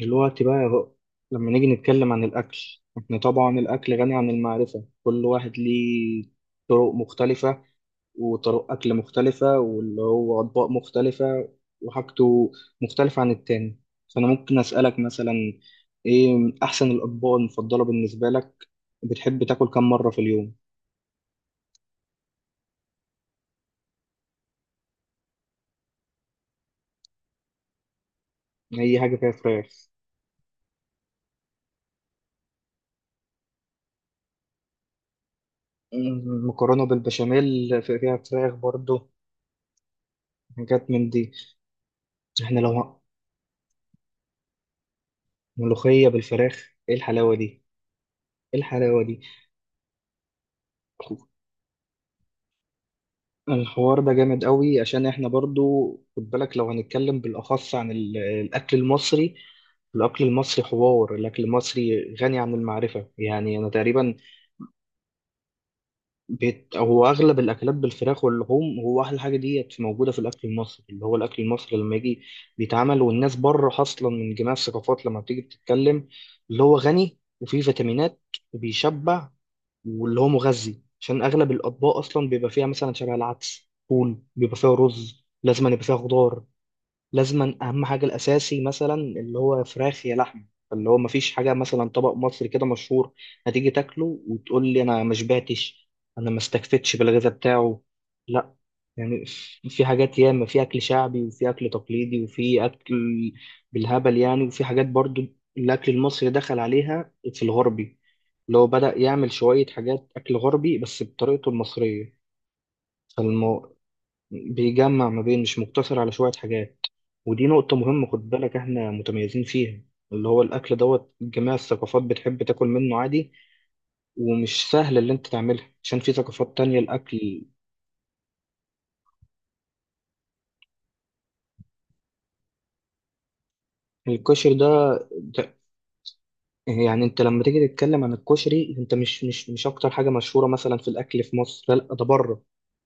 دلوقتي بقى يا رؤى، لما نيجي نتكلم عن الأكل، احنا طبعا الأكل غني عن المعرفة. كل واحد ليه طرق مختلفة، وطرق أكل مختلفة، واللي هو أطباق مختلفة، وحاجته مختلفة عن التاني. فأنا ممكن أسألك مثلا: إيه أحسن الأطباق المفضلة بالنسبة لك؟ بتحب تاكل كم مرة في اليوم؟ أي حاجة فيها فراخ. مكرونة بالبشاميل فيها فراخ برضه، حاجات من دي. احنا لو ملوخية بالفراخ، إيه الحلاوة دي؟ إيه الحلاوة دي؟ الحوار ده جامد قوي، عشان احنا برضو خد بالك، لو هنتكلم بالأخص عن الأكل المصري. الأكل المصري حوار، الأكل المصري غني عن المعرفة. يعني أنا تقريبا بيت، هو أغلب الأكلات بالفراخ واللحوم، هو أحلى حاجة ديت موجودة في الأكل المصري، اللي هو الأكل المصري لما يجي بيتعمل. والناس بره أصلا من جميع الثقافات لما بتيجي بتتكلم، اللي هو غني وفيه فيتامينات، وبيشبع، واللي هو مغذي، عشان اغلب الاطباق اصلا بيبقى فيها مثلا شبه العدس، فول، بيبقى فيها رز، لازم أن يبقى فيها خضار، لازما اهم حاجه الاساسي مثلا اللي هو فراخ يا لحمه. اللي هو مفيش حاجه مثلا طبق مصري كده مشهور هتيجي تاكله وتقول لي: انا ما شبعتش، انا ما استكفيتش بالغذاء بتاعه. لا، يعني في حاجات ياما، في اكل شعبي، وفي اكل تقليدي، وفي اكل بالهبل يعني. وفي حاجات برضو الاكل المصري دخل عليها في الغربي، اللي هو بدأ يعمل شويه حاجات اكل غربي بس بطريقته المصريه. فالمو، بيجمع ما بين، مش مقتصر على شويه حاجات. ودي نقطة مهمة خد بالك، احنا متميزين فيها. اللي هو الأكل دوت، جميع الثقافات بتحب تاكل منه عادي، ومش سهل اللي انت تعملها عشان في ثقافات تانية الأكل. الكشري ده، ده- يعني انت لما تيجي تتكلم عن الكشري، انت مش أكتر حاجة مشهورة مثلا في الأكل في مصر. لا لا، ده بره.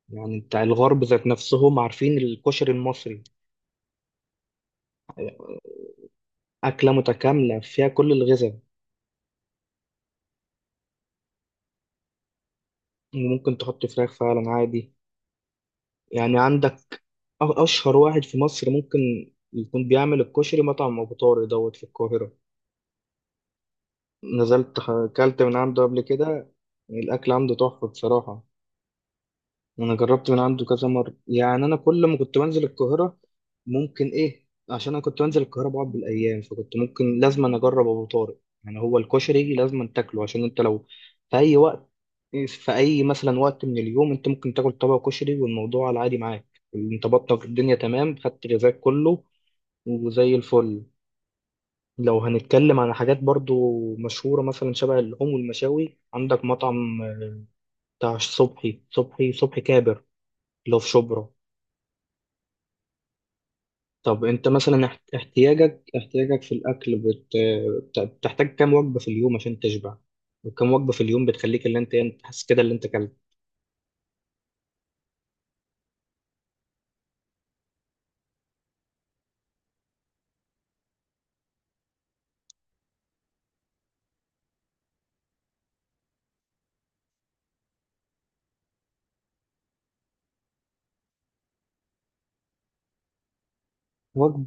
يعني انت الغرب ذات نفسهم عارفين الكشري المصري. أكلة متكاملة فيها كل الغذاء، وممكن تحط فراخ فعلا عادي. يعني عندك، أشهر واحد في مصر ممكن يكون بيعمل الكشري مطعم أبو طارق دوت في القاهرة. نزلت أكلت من عنده قبل كده. الأكل عنده تحفة بصراحة. انا جربت من عنده كذا مره، يعني انا كل ما كنت بنزل القاهره، ممكن ايه، عشان انا كنت بنزل القاهره بقعد بالايام، فكنت ممكن لازم أنا اجرب ابو طارق. يعني هو الكشري لازم تاكله، عشان انت لو في اي وقت، في اي مثلا وقت من اليوم، انت ممكن تاكل طبق كشري والموضوع على العادي معاك. انت بطنك الدنيا تمام، خدت غذاك كله، وزي الفل. لو هنتكلم عن حاجات برضو مشهورة مثلا شبه اللحوم والمشاوي، عندك مطعم بتاع صبحي، صبحي كابر، اللي هو في شبرا. طب انت مثلا احتياجك في الاكل بتحتاج كام وجبه في اليوم عشان تشبع؟ وكم وجبه في اليوم بتخليك اللي انت ايه، انت حاسس كده اللي انت اكلت وجبه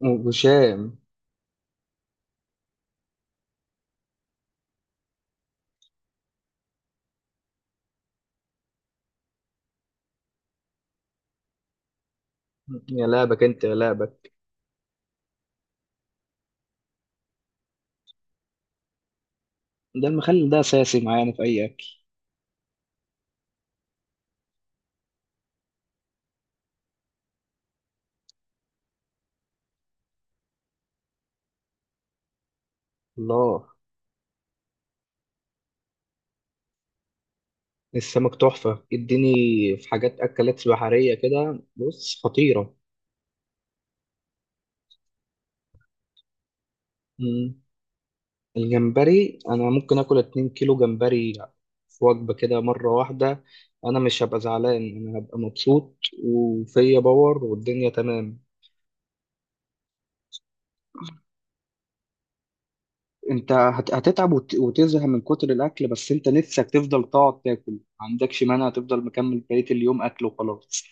وشام؟ يا لعبك انت يا لعبك. ده المخلل ده اساسي معانا في اي اكل. الله، السمك تحفه اديني. في حاجات اكلات بحريه كده، بص خطيره. الجمبري انا ممكن اكل 2 كيلو جمبري في وجبه كده مره واحده. انا مش هبقى زعلان، انا هبقى مبسوط، وفيا باور والدنيا تمام. انت هتتعب وتزهق من كتر الاكل، بس انت نفسك تفضل تقعد تاكل، ما عندكش مانع، تفضل مكمل بقيه اليوم اكل وخلاص.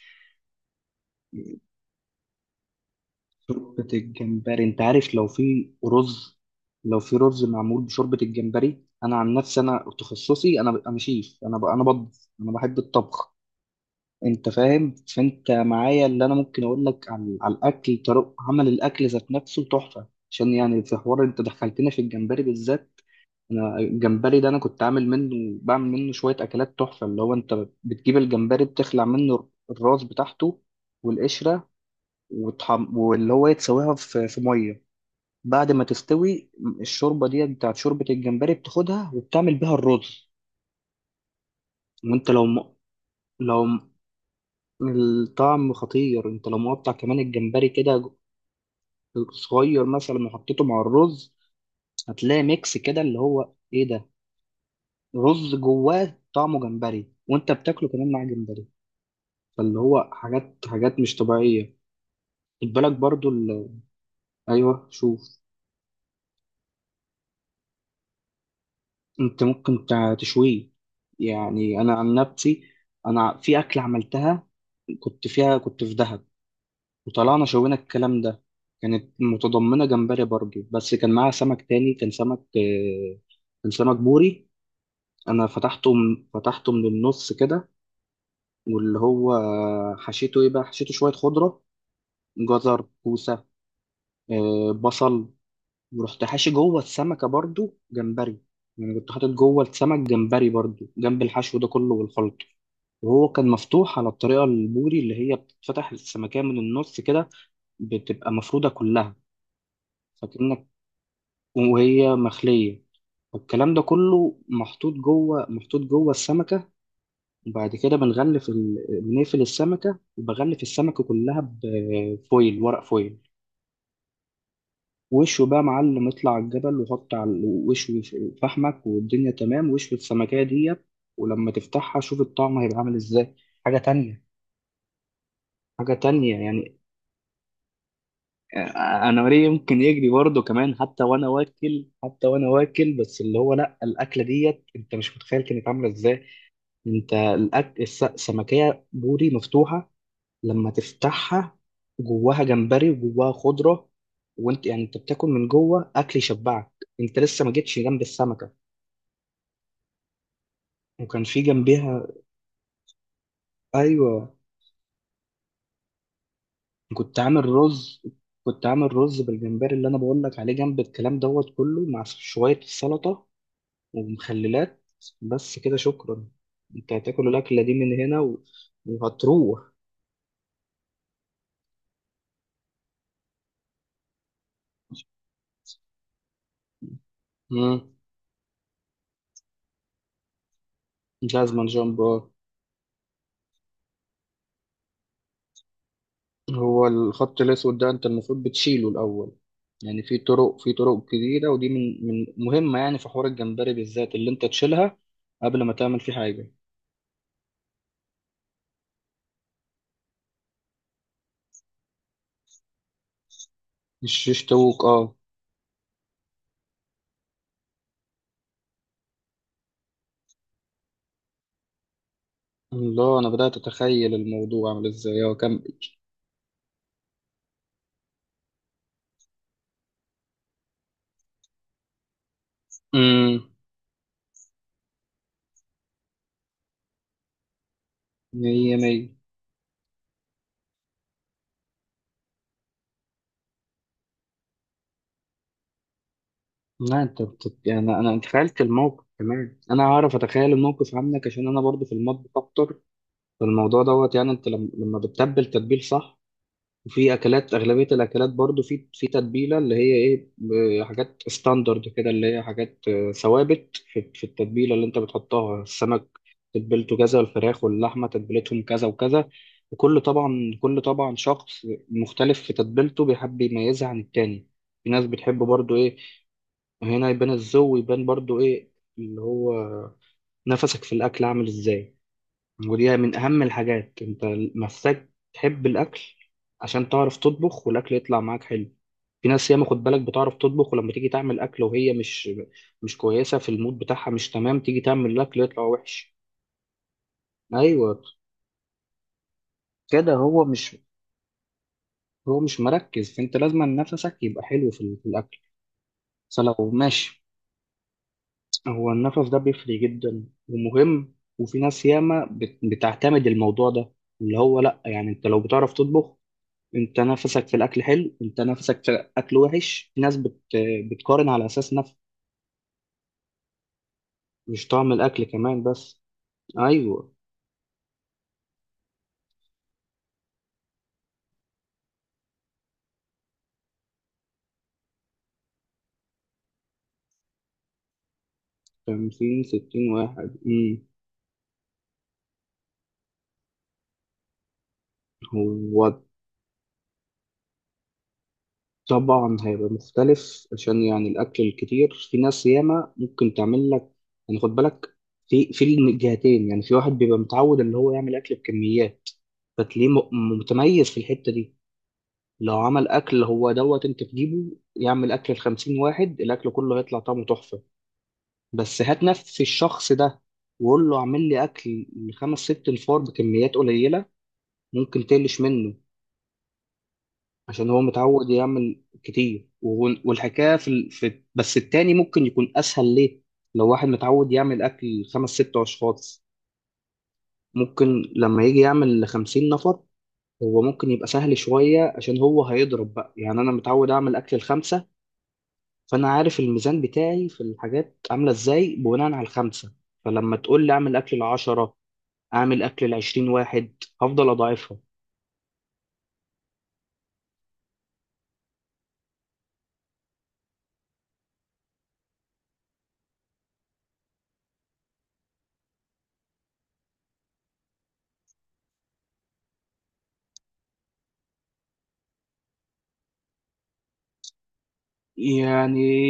شوربه الجمبري، انت عارف لو في رز، لو في رز معمول بشوربه الجمبري، انا عن نفسي، انا تخصصي، انا شيف، انا بطبخ، انا بحب الطبخ. انت فاهم. فانت معايا، اللي انا ممكن اقول لك على, على الاكل، طرق عمل الاكل ذات نفسه تحفه، عشان يعني في حوار، انت دخلتنا في الجمبري بالذات. انا الجمبري ده، انا كنت عامل منه، بعمل منه شويه اكلات تحفه. اللي هو انت بتجيب الجمبري، بتخلع منه الراس بتاعته والقشره، واللي هو يتسويها في ميه. بعد ما تستوي، الشوربه دي بتاعت شوربه الجمبري بتاخدها وبتعمل بيها الرز. وانت لو لو الطعم خطير، انت لو مقطع كمان الجمبري كده صغير مثلا وحطيته مع الرز، هتلاقي ميكس كده اللي هو ايه ده، رز جواه طعمه جمبري وانت بتاكله كمان مع جمبري. فاللي هو حاجات، حاجات مش طبيعية. خد بالك برضو ايوه شوف. انت ممكن تشويه. يعني انا عن نفسي، انا في اكل عملتها، كنت فيها، كنت في دهب، وطلعنا شوينا الكلام ده. كانت متضمنة جمبري برضو، بس كان معاها سمك تاني، كان سمك كان سمك بوري. أنا فتحته من النص كده، واللي هو حشيته إيه بقى، حشيته شوية خضرة، جزر، كوسة، بصل. ورحت حاشي جوه السمكة برضو جمبري. يعني كنت حاطط جوه السمك جمبري برضو، جنب الحشو ده كله والخلط. وهو كان مفتوح على الطريقة البوري، اللي هي بتتفتح السمكية من النص كده، بتبقى مفرودة كلها. فكأنك، وهي مخلية، والكلام ده كله محطوط جوه، محطوط جوه السمكة. وبعد كده بنغلف بنقفل السمكة، وبغلف السمكة كلها بفويل، ورق فويل. وشه بقى معلم، اطلع على الجبل، وحط على وشوي فحمك والدنيا تمام، وشوي السمكية ديت. ولما تفتحها شوف الطعم هيبقى عامل ازاي. حاجة تانية، حاجة تانية يعني. انا وريه يمكن يجري برضه كمان، حتى وانا واكل. بس اللي هو لا، الاكله ديت انت مش متخيل كانت عامله ازاي. انت السمكية بوري مفتوحة. لما تفتحها، جواها جمبري وجواها خضرة. وانت يعني انت بتاكل من جوه اكل يشبعك، انت لسه ما جيتش جنب السمكة. وكان في جنبيها ايوه. كنت عامل رز، كنت عامل رز بالجمبري اللي انا بقول لك عليه، جنب الكلام دوت كله، مع شوية سلطة ومخللات. بس كده، شكرا. انت هتاكل الاكلة دي من هنا وهتروح. مم. جازمان جامبو. هو الخط الأسود ده أنت المفروض بتشيله الأول. يعني في طرق، في طرق كتيرة، ودي من مهمة يعني، في حوار الجمبري بالذات اللي أنت تشيلها قبل ما تعمل فيه حاجة. مش يشتوك أه. الله، أنا بدأت أتخيل الموضوع عامل إزاي أه كم. أمم. مية مية. لا أنت يعني أنا تخيلت الموقف كمان، أنا هعرف أتخيل الموقف عنك، عشان أنا برضو في المطبخ أكتر. فالموضوع دوت، يعني أنت لما بتتبل تتبيل صح. وفي اكلات اغلبيه الاكلات برضو في تتبيله، اللي هي ايه حاجات ستاندرد كده، اللي هي حاجات ثوابت في التتبيله اللي انت بتحطها. السمك تتبيلته كذا، والفراخ واللحمه تتبيلتهم كذا وكذا. وكل طبعا، كل طبعا شخص مختلف في تتبيلته، بيحب يميزها عن التاني. في ناس بتحب برضو ايه. هنا يبان الذوق، ويبان برضو ايه، اللي هو نفسك في الاكل عامل ازاي. ودي من أهم الحاجات، أنت محتاج تحب الأكل عشان تعرف تطبخ والأكل يطلع معاك حلو. في ناس ياما خد بالك بتعرف تطبخ، ولما تيجي تعمل أكل وهي مش، مش كويسة في المود بتاعها، مش تمام، تيجي تعمل الأكل يطلع وحش. أيوه، كده هو مش مركز. فأنت لازم نفسك يبقى حلو في, في الأكل، بس لو ماشي. هو النفس ده بيفرق جدا ومهم. وفي ناس ياما بتعتمد الموضوع ده، اللي هو لأ. يعني أنت لو بتعرف تطبخ، انت نفسك في الاكل حلو، انت نفسك في الاكل وحش، في ناس بتقارن على اساس نفس، مش طعم الاكل كمان بس. ايوه. 50 60 واحد. امم. هو طبعا هيبقى مختلف، عشان يعني الاكل الكتير في ناس ياما ممكن تعمل لك، يعني خد بالك، في الجهتين. يعني في واحد بيبقى متعود اللي هو يعمل اكل بكميات، فتلاقيه متميز في الحتة دي. لو عمل اكل هو دوت، انت تجيبه يعمل اكل ل 50 واحد، الاكل كله هيطلع طعمه تحفة. بس هات نفس الشخص ده، وقول له اعمل لي اكل لخمس ست نفار بكميات قليله، ممكن تقلش منه، عشان هو متعود يعمل كتير. والحكايه في, في. بس التاني ممكن يكون اسهل ليه. لو واحد متعود يعمل اكل خمس ست اشخاص، ممكن لما يجي يعمل لـ50 نفر، هو ممكن يبقى سهل شويه، عشان هو هيضرب بقى. يعني انا متعود اعمل اكل الخمسه، فانا عارف الميزان بتاعي في الحاجات عامله ازاي بناء على الخمسه. فلما تقول لي اعمل اكل العشرة، اعمل اكل لـ20 واحد، هفضل اضاعفها. يعني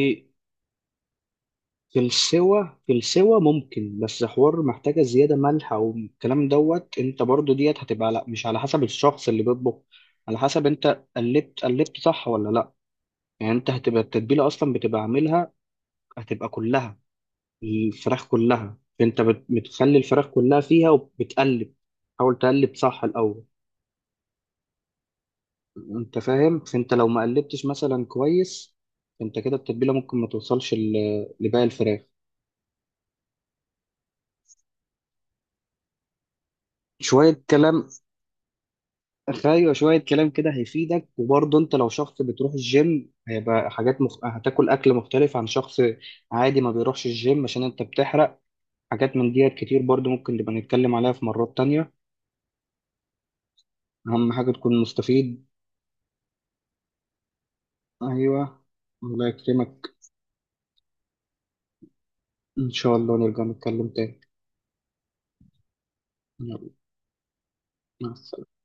في السوا، في السوا ممكن، بس حوار محتاجة زيادة ملح او الكلام دوت، انت برضو ديت هتبقى لا، مش على حسب الشخص اللي بيطبخ، على حسب انت قلبت صح ولا لا. يعني انت هتبقى التتبيلة اصلا بتبقى عاملها، هتبقى كلها، الفراخ كلها، انت بتخلي الفراخ كلها فيها وبتقلب. حاول تقلب صح الاول. انت فاهم. فانت لو ما قلبتش مثلا كويس، انت كده التتبيله ممكن ما توصلش لباقي الفراخ. شويه كلام. ايوه شويه كلام كده هيفيدك. وبرضه انت لو شخص بتروح الجيم، هيبقى حاجات هتاكل اكل مختلف عن شخص عادي ما بيروحش الجيم، عشان انت بتحرق. حاجات من ديت كتير برضه ممكن نبقى نتكلم عليها في مرات تانية. اهم حاجه تكون مستفيد. ايوه، الله يكرمك. ان شاء الله نرجع نتكلم تاني. يلا، مع السلامه.